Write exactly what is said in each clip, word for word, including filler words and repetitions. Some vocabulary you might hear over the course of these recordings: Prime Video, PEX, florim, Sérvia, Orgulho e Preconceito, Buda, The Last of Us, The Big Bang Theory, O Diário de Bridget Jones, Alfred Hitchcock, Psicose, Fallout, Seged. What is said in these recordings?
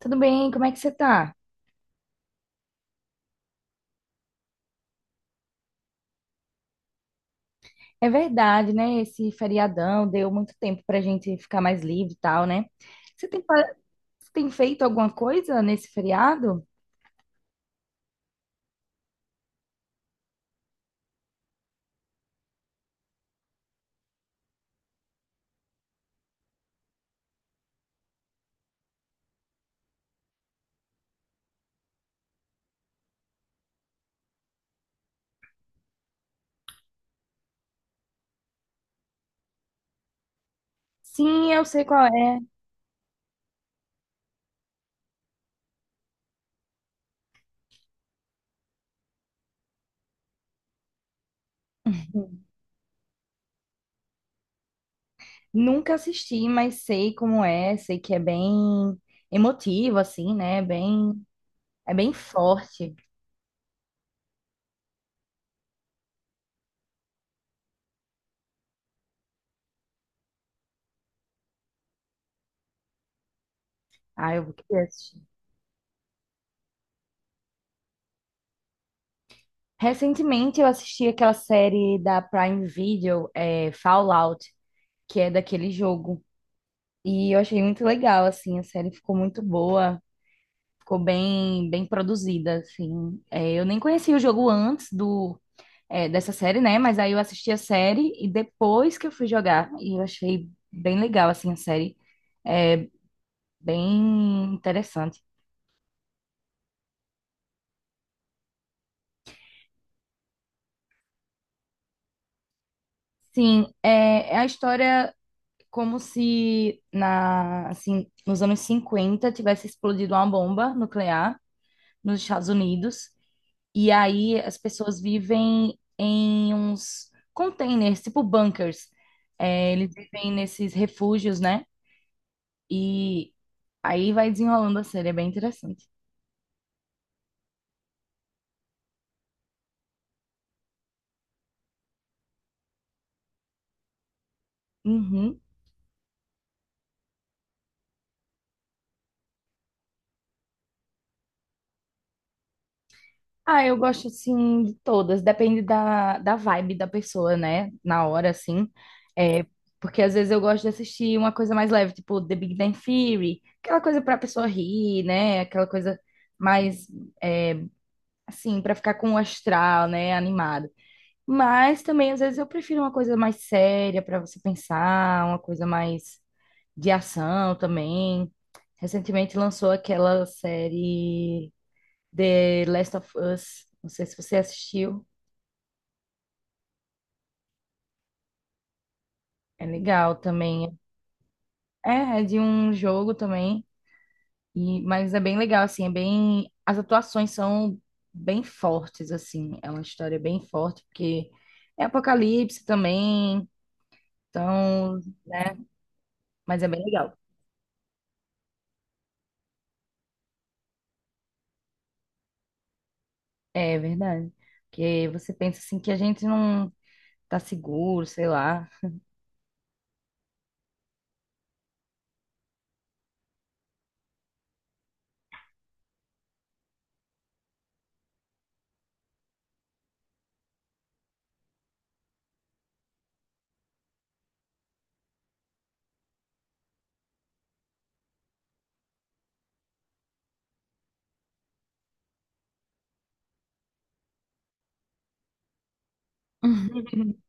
Tudo bem? Como é que você tá? É verdade, né? Esse feriadão deu muito tempo pra gente ficar mais livre e tal, né? Você tem, pa- você tem feito alguma coisa nesse feriado? Sim, eu sei qual é. Nunca assisti, mas sei como é. Sei que é bem emotivo, assim, né? Bem, é bem forte. Ah, eu vou querer assistir. Recentemente eu assisti aquela série da Prime Video, é, Fallout, que é daquele jogo. E eu achei muito legal, assim, a série ficou muito boa, ficou bem, bem produzida, assim. É, eu nem conhecia o jogo antes do, é, dessa série, né? Mas aí eu assisti a série e depois que eu fui jogar, e eu achei bem legal, assim, a série, É, bem interessante. Sim, é, é a história como se na, assim, nos anos cinquenta tivesse explodido uma bomba nuclear nos Estados Unidos. E aí as pessoas vivem em uns containers, tipo bunkers. É, eles vivem nesses refúgios, né? E aí vai desenrolando a série, é bem interessante. Uhum. Ah, eu gosto assim de todas, depende da, da vibe da pessoa, né? Na hora, assim. É, porque às vezes eu gosto de assistir uma coisa mais leve, tipo The Big Bang Theory, aquela coisa pra pessoa rir, né? Aquela coisa mais, é, assim, pra ficar com o astral, né? Animado. Mas também, às vezes, eu prefiro uma coisa mais séria para você pensar, uma coisa mais de ação também. Recentemente lançou aquela série The Last of Us. Não sei se você assistiu. É legal também. É, é de um jogo também. E, mas é bem legal, assim, é bem. As atuações são bem fortes, assim. É uma história bem forte, porque é apocalipse também. Então, mas é bem legal. É verdade. Porque você pensa assim que a gente não tá seguro, sei lá.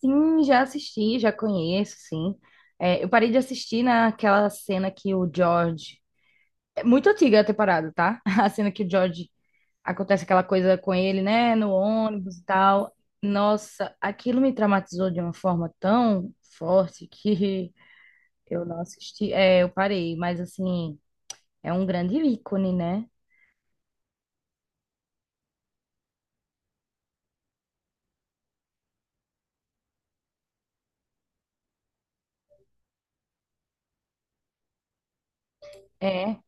Sim, já assisti, já conheço, sim. É, eu parei de assistir naquela cena que o George. É muito antiga a temporada, tá? A cena que o George acontece aquela coisa com ele, né? No ônibus e tal. Nossa, aquilo me traumatizou de uma forma tão forte que eu não assisti. É, eu parei, mas assim, é um grande ícone, né? É.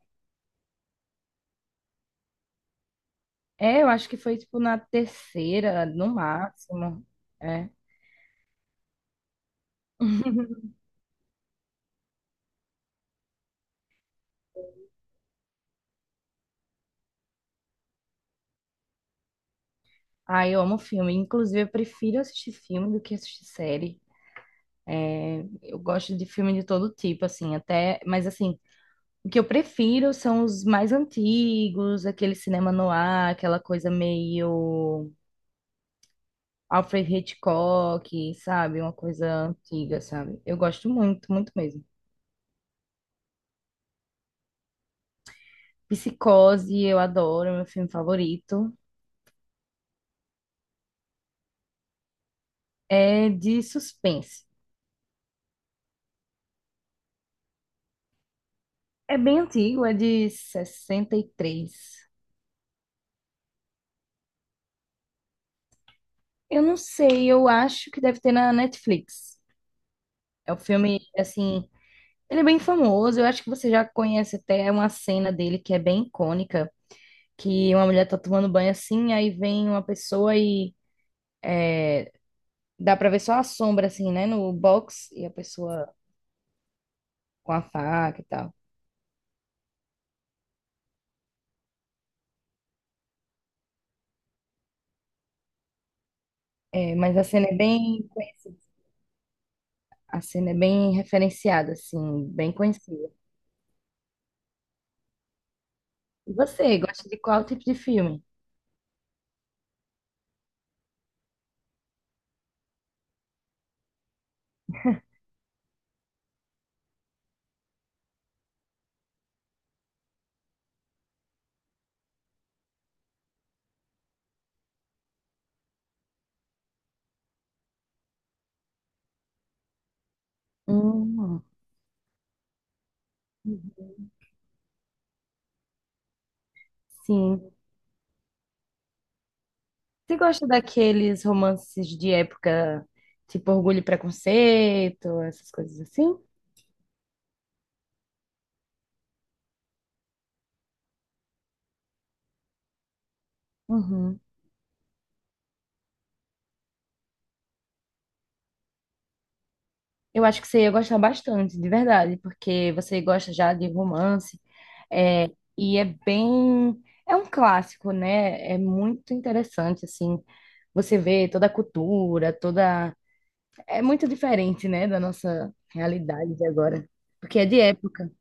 É, eu acho que foi tipo na terceira, no máximo. É. Ah, eu amo filme. Inclusive, eu prefiro assistir filme do que assistir série. Eu gosto de filme de todo tipo, assim, até. Mas assim, o que eu prefiro são os mais antigos, aquele cinema no ar, aquela coisa meio Alfred Hitchcock, sabe? Uma coisa antiga, sabe? Eu gosto muito, muito mesmo. Psicose, eu adoro, é meu filme favorito. É de suspense. É bem antigo, é de sessenta e três. Eu não sei, eu acho que deve ter na Netflix. É o filme, assim, ele é bem famoso. Eu acho que você já conhece até uma cena dele que é bem icônica, que uma mulher tá tomando banho assim, aí vem uma pessoa e dá pra ver só a sombra, assim, né, no box, e a pessoa com a faca e tal. É, mas a cena é bem conhecida. A cena é bem referenciada, assim, bem conhecida. E você, gosta de qual tipo de filme? Hum. Sim. Você gosta daqueles romances de época, tipo Orgulho e Preconceito, essas coisas assim? Uhum. Eu acho que você ia gostar bastante, de verdade, porque você gosta já de romance, é, e é bem, é um clássico, né? É muito interessante, assim, você vê toda a cultura, toda, é muito diferente, né, da nossa realidade de agora, porque é de época,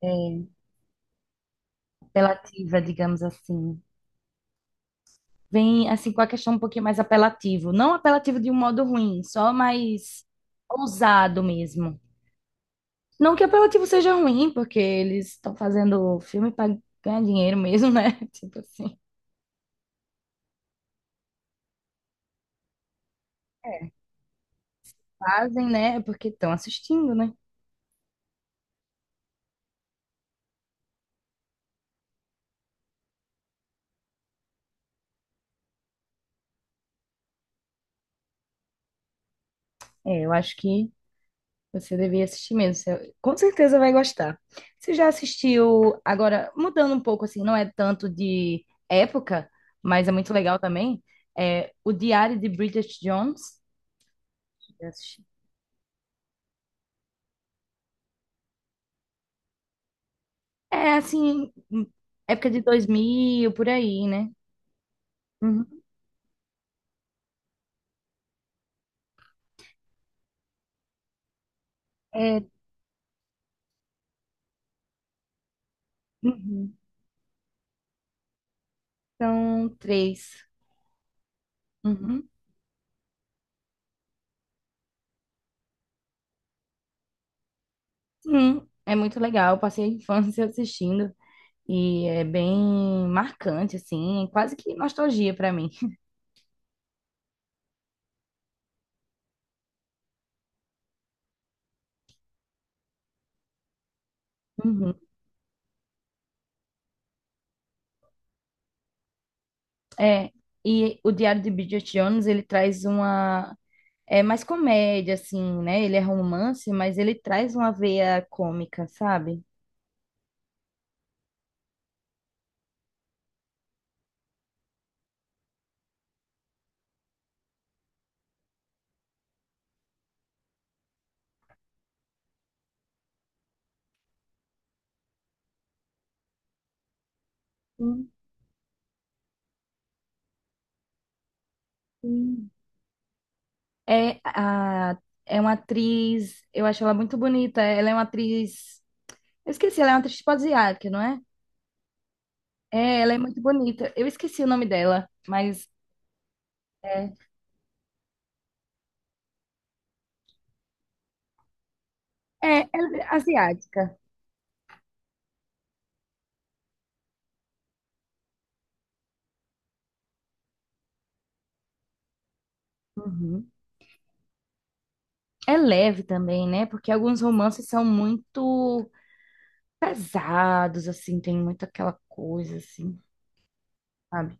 é relativa, digamos assim. Vem assim com a questão um pouquinho mais apelativo. Não apelativo de um modo ruim, só mais ousado mesmo. Não que apelativo seja ruim, porque eles estão fazendo filme para ganhar dinheiro mesmo, né? Tipo assim, fazem, né? É Porque estão assistindo, né? É, eu acho que você deveria assistir mesmo. Você, com certeza vai gostar. Você já assistiu, agora, mudando um pouco assim, não é tanto de época, mas é muito legal também. É O Diário de Bridget Jones. Já assisti? É assim, hum, época de dois mil por aí, né? Uhum. É, uhum. São três. Uhum. Sim, é muito legal. Eu passei a infância assistindo e é bem marcante, assim, quase que nostalgia pra mim. Uhum. É, e o Diário de Bridget Jones, ele traz uma... É mais comédia, assim, né? Ele é romance, mas ele traz uma veia cômica, sabe? Sim, sim. É, a, é uma atriz, eu acho ela muito bonita. Ela é uma atriz, eu esqueci, ela é uma atriz tipo asiática, não é? É, ela é muito bonita. Eu esqueci o nome dela, mas é, é, ela é asiática. Uhum. É leve também, né? Porque alguns romances são muito pesados, assim, tem muito aquela coisa, assim, sabe?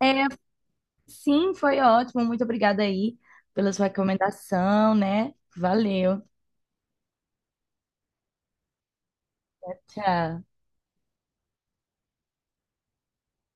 É, sim, foi ótimo. Muito obrigada aí pela sua recomendação, né? Valeu. Tchau.